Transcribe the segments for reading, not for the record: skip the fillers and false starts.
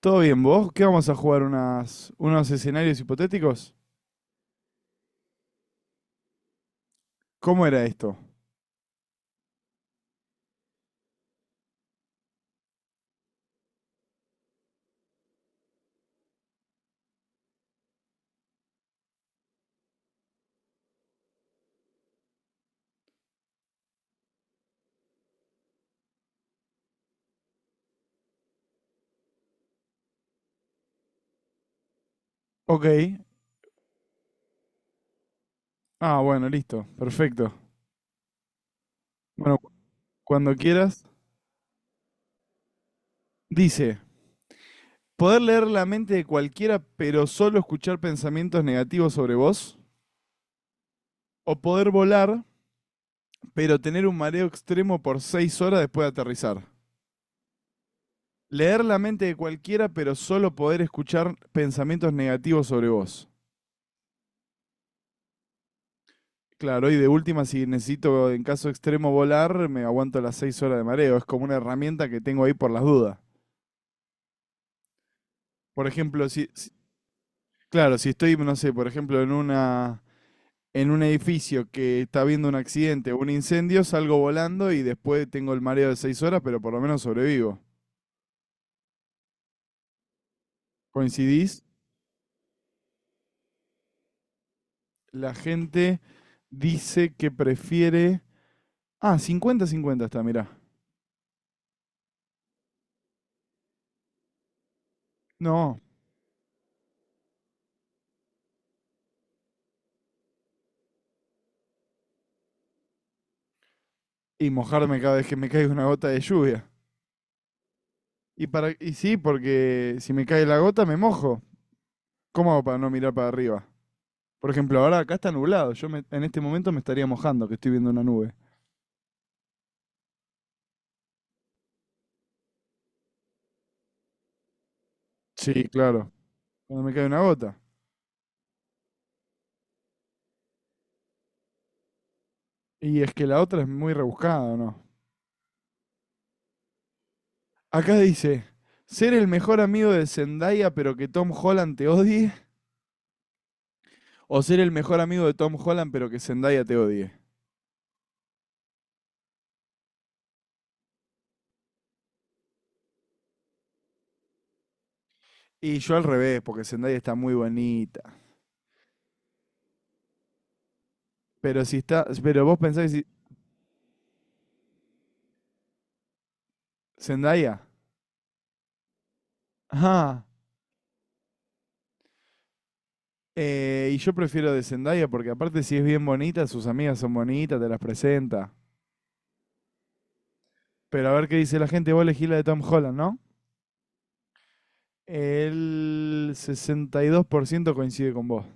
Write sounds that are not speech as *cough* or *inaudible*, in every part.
Todo bien, ¿vos? ¿Qué vamos a jugar? ¿Unos escenarios hipotéticos? ¿Cómo era esto? Ok. Ah, bueno, listo. Perfecto. Bueno, cuando quieras. Dice, ¿poder leer la mente de cualquiera pero solo escuchar pensamientos negativos sobre vos? ¿O poder volar pero tener un mareo extremo por seis horas después de aterrizar? Leer la mente de cualquiera pero solo poder escuchar pensamientos negativos sobre vos. Claro, y de última, si necesito en caso extremo volar, me aguanto las seis horas de mareo. Es como una herramienta que tengo ahí por las dudas. Por ejemplo, claro, si estoy, no sé, por ejemplo, en un edificio que está habiendo un accidente o un incendio, salgo volando y después tengo el mareo de seis horas, pero por lo menos sobrevivo. ¿Coincidís? La gente dice que prefiere... Ah, 50-50 está, mirá. No, y mojarme cada vez que me caiga una gota de lluvia. Y, para, y sí, porque si me cae la gota me mojo. ¿Cómo hago para no mirar para arriba? Por ejemplo, ahora acá está nublado. En este momento me estaría mojando, que estoy viendo una nube. Sí, claro. Cuando me cae una gota. Y es que la otra es muy rebuscada, ¿o ¿no? Acá dice, ser el mejor amigo de Zendaya pero que Tom Holland te odie, o ser el mejor amigo de Tom Holland pero que Zendaya te odie. Y yo al revés, porque Zendaya está muy bonita. Pero si está, pero vos pensás que si Zendaya, ajá. Y yo prefiero de Zendaya porque aparte si es bien bonita, sus amigas son bonitas, te las presenta. Pero a ver qué dice la gente, vos elegís la de Tom Holland, ¿no? El 62% coincide con vos.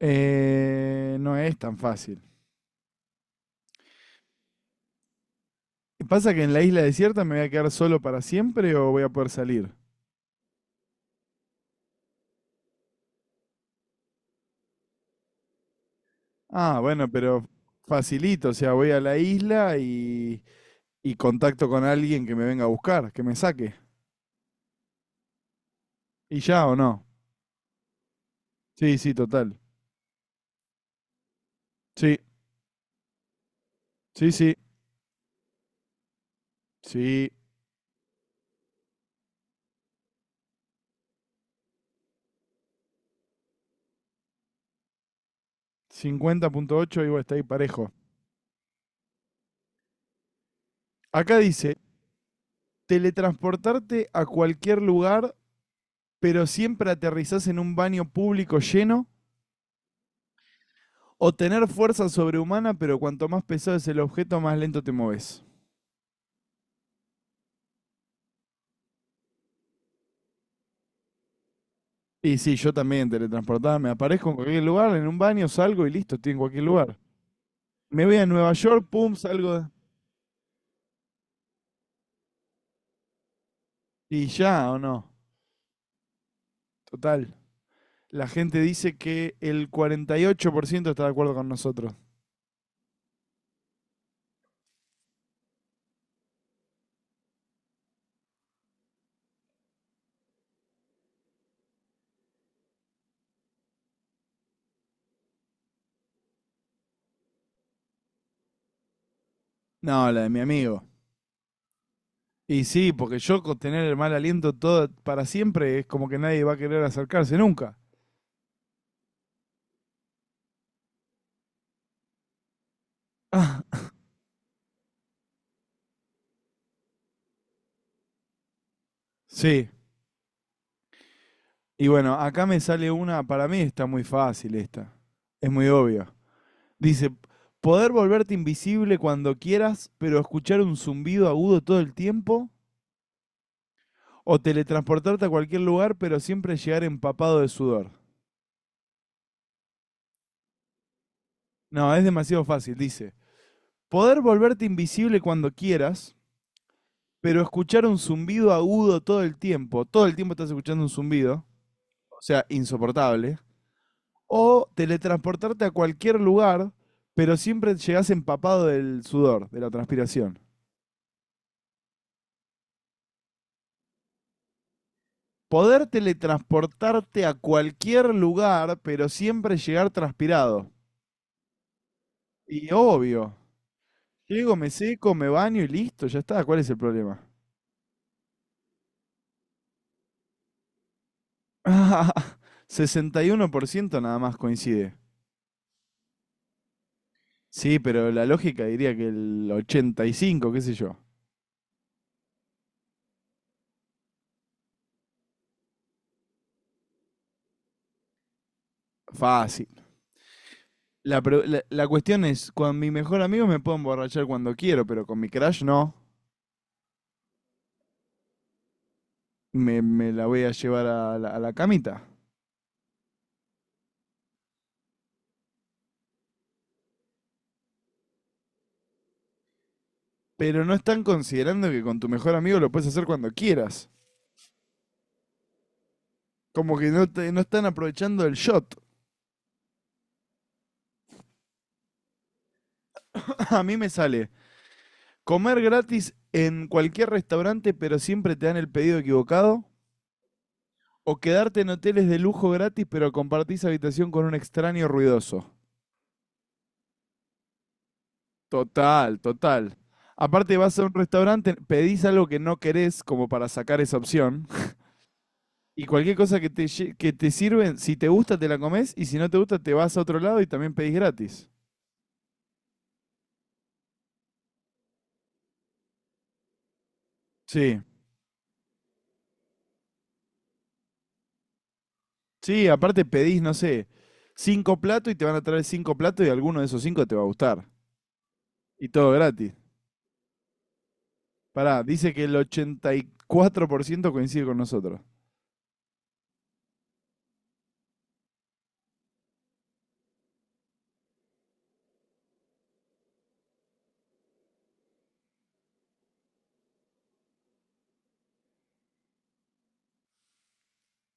No es tan fácil. ¿Pasa que en la isla desierta me voy a quedar solo para siempre o voy a poder salir? Ah, bueno, pero facilito, o sea, voy a la isla y contacto con alguien que me venga a buscar, que me saque. ¿Y ya o no? Sí, sí, total. Sí, sí, sí, sí. 50,8 digo, está ahí parejo. Acá dice, teletransportarte a cualquier lugar, pero siempre aterrizás en un baño público lleno, o tener fuerza sobrehumana, pero cuanto más pesado es el objeto, más lento te moves. Y sí, yo también teletransportada, me aparezco en cualquier lugar, en un baño salgo y listo, estoy en cualquier lugar. Me voy a Nueva York, pum, y ya, ¿o no? Total. La gente dice que el 48% está de acuerdo con nosotros. No, la de mi amigo. Y sí, porque yo con tener el mal aliento todo para siempre es como que nadie va a querer acercarse nunca. Ah, sí. Y bueno, acá me sale una, para mí está muy fácil esta. Es muy obvia. Dice, poder volverte invisible cuando quieras, pero escuchar un zumbido agudo todo el tiempo, o teletransportarte a cualquier lugar, pero siempre llegar empapado de sudor. No, es demasiado fácil, dice. Poder volverte invisible cuando quieras, pero escuchar un zumbido agudo todo el tiempo. Todo el tiempo estás escuchando un zumbido, o sea, insoportable, o teletransportarte a cualquier lugar, pero siempre llegás empapado del sudor, de la transpiración. Poder teletransportarte a cualquier lugar, pero siempre llegar transpirado. Y obvio, llego, me seco, me baño y listo, ya está. ¿Cuál es el problema? *laughs* 61% nada más coincide. Sí, pero la lógica diría que el 85, qué sé yo. Fácil. La cuestión es, con mi mejor amigo me puedo emborrachar cuando quiero, pero con mi crush no. Me la voy a llevar a a la camita. Pero no están considerando que con tu mejor amigo lo puedes hacer cuando quieras. Como que no, no están aprovechando el shot. *laughs* A mí me sale comer gratis en cualquier restaurante, pero siempre te dan el pedido equivocado. O quedarte en hoteles de lujo gratis, pero compartís habitación con un extraño ruidoso. Total, total. Aparte vas a un restaurante, pedís algo que no querés como para sacar esa opción y cualquier cosa que te, que te sirven, si te gusta te la comés y si no te gusta te vas a otro lado y también pedís gratis. Sí, sí, aparte pedís, no sé, cinco platos y te van a traer cinco platos y alguno de esos cinco te va a gustar. Y todo gratis. Pará, dice que el 84% coincide con nosotros.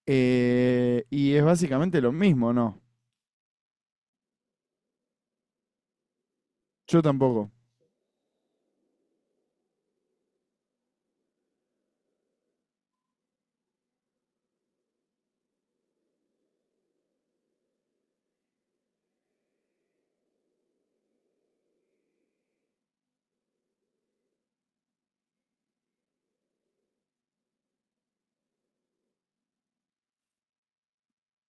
Y es básicamente lo mismo, ¿no? Yo tampoco.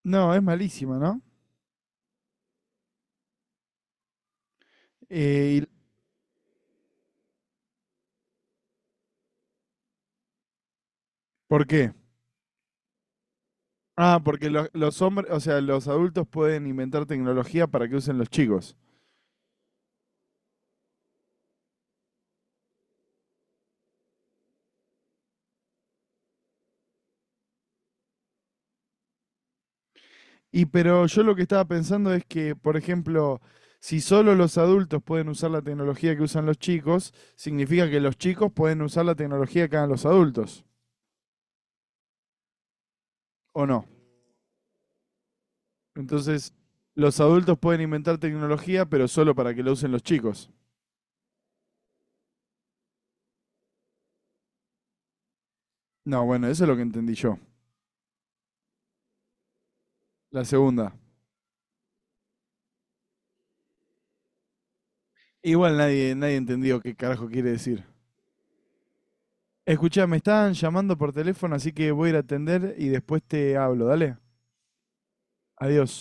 No, es malísima, ¿no? Eh, ¿y ¿Por qué? Ah, porque los hombres, o sea, los adultos pueden inventar tecnología para que usen los chicos. Y pero yo lo que estaba pensando es que, por ejemplo, si solo los adultos pueden usar la tecnología que usan los chicos, significa que los chicos pueden usar la tecnología que hagan los adultos, ¿o no? Entonces, los adultos pueden inventar tecnología, pero solo para que la usen los chicos. No, bueno, eso es lo que entendí yo. La segunda. Igual nadie entendió qué carajo quiere decir. Escuchá, me están llamando por teléfono, así que voy a ir a atender y después te hablo, dale. Adiós.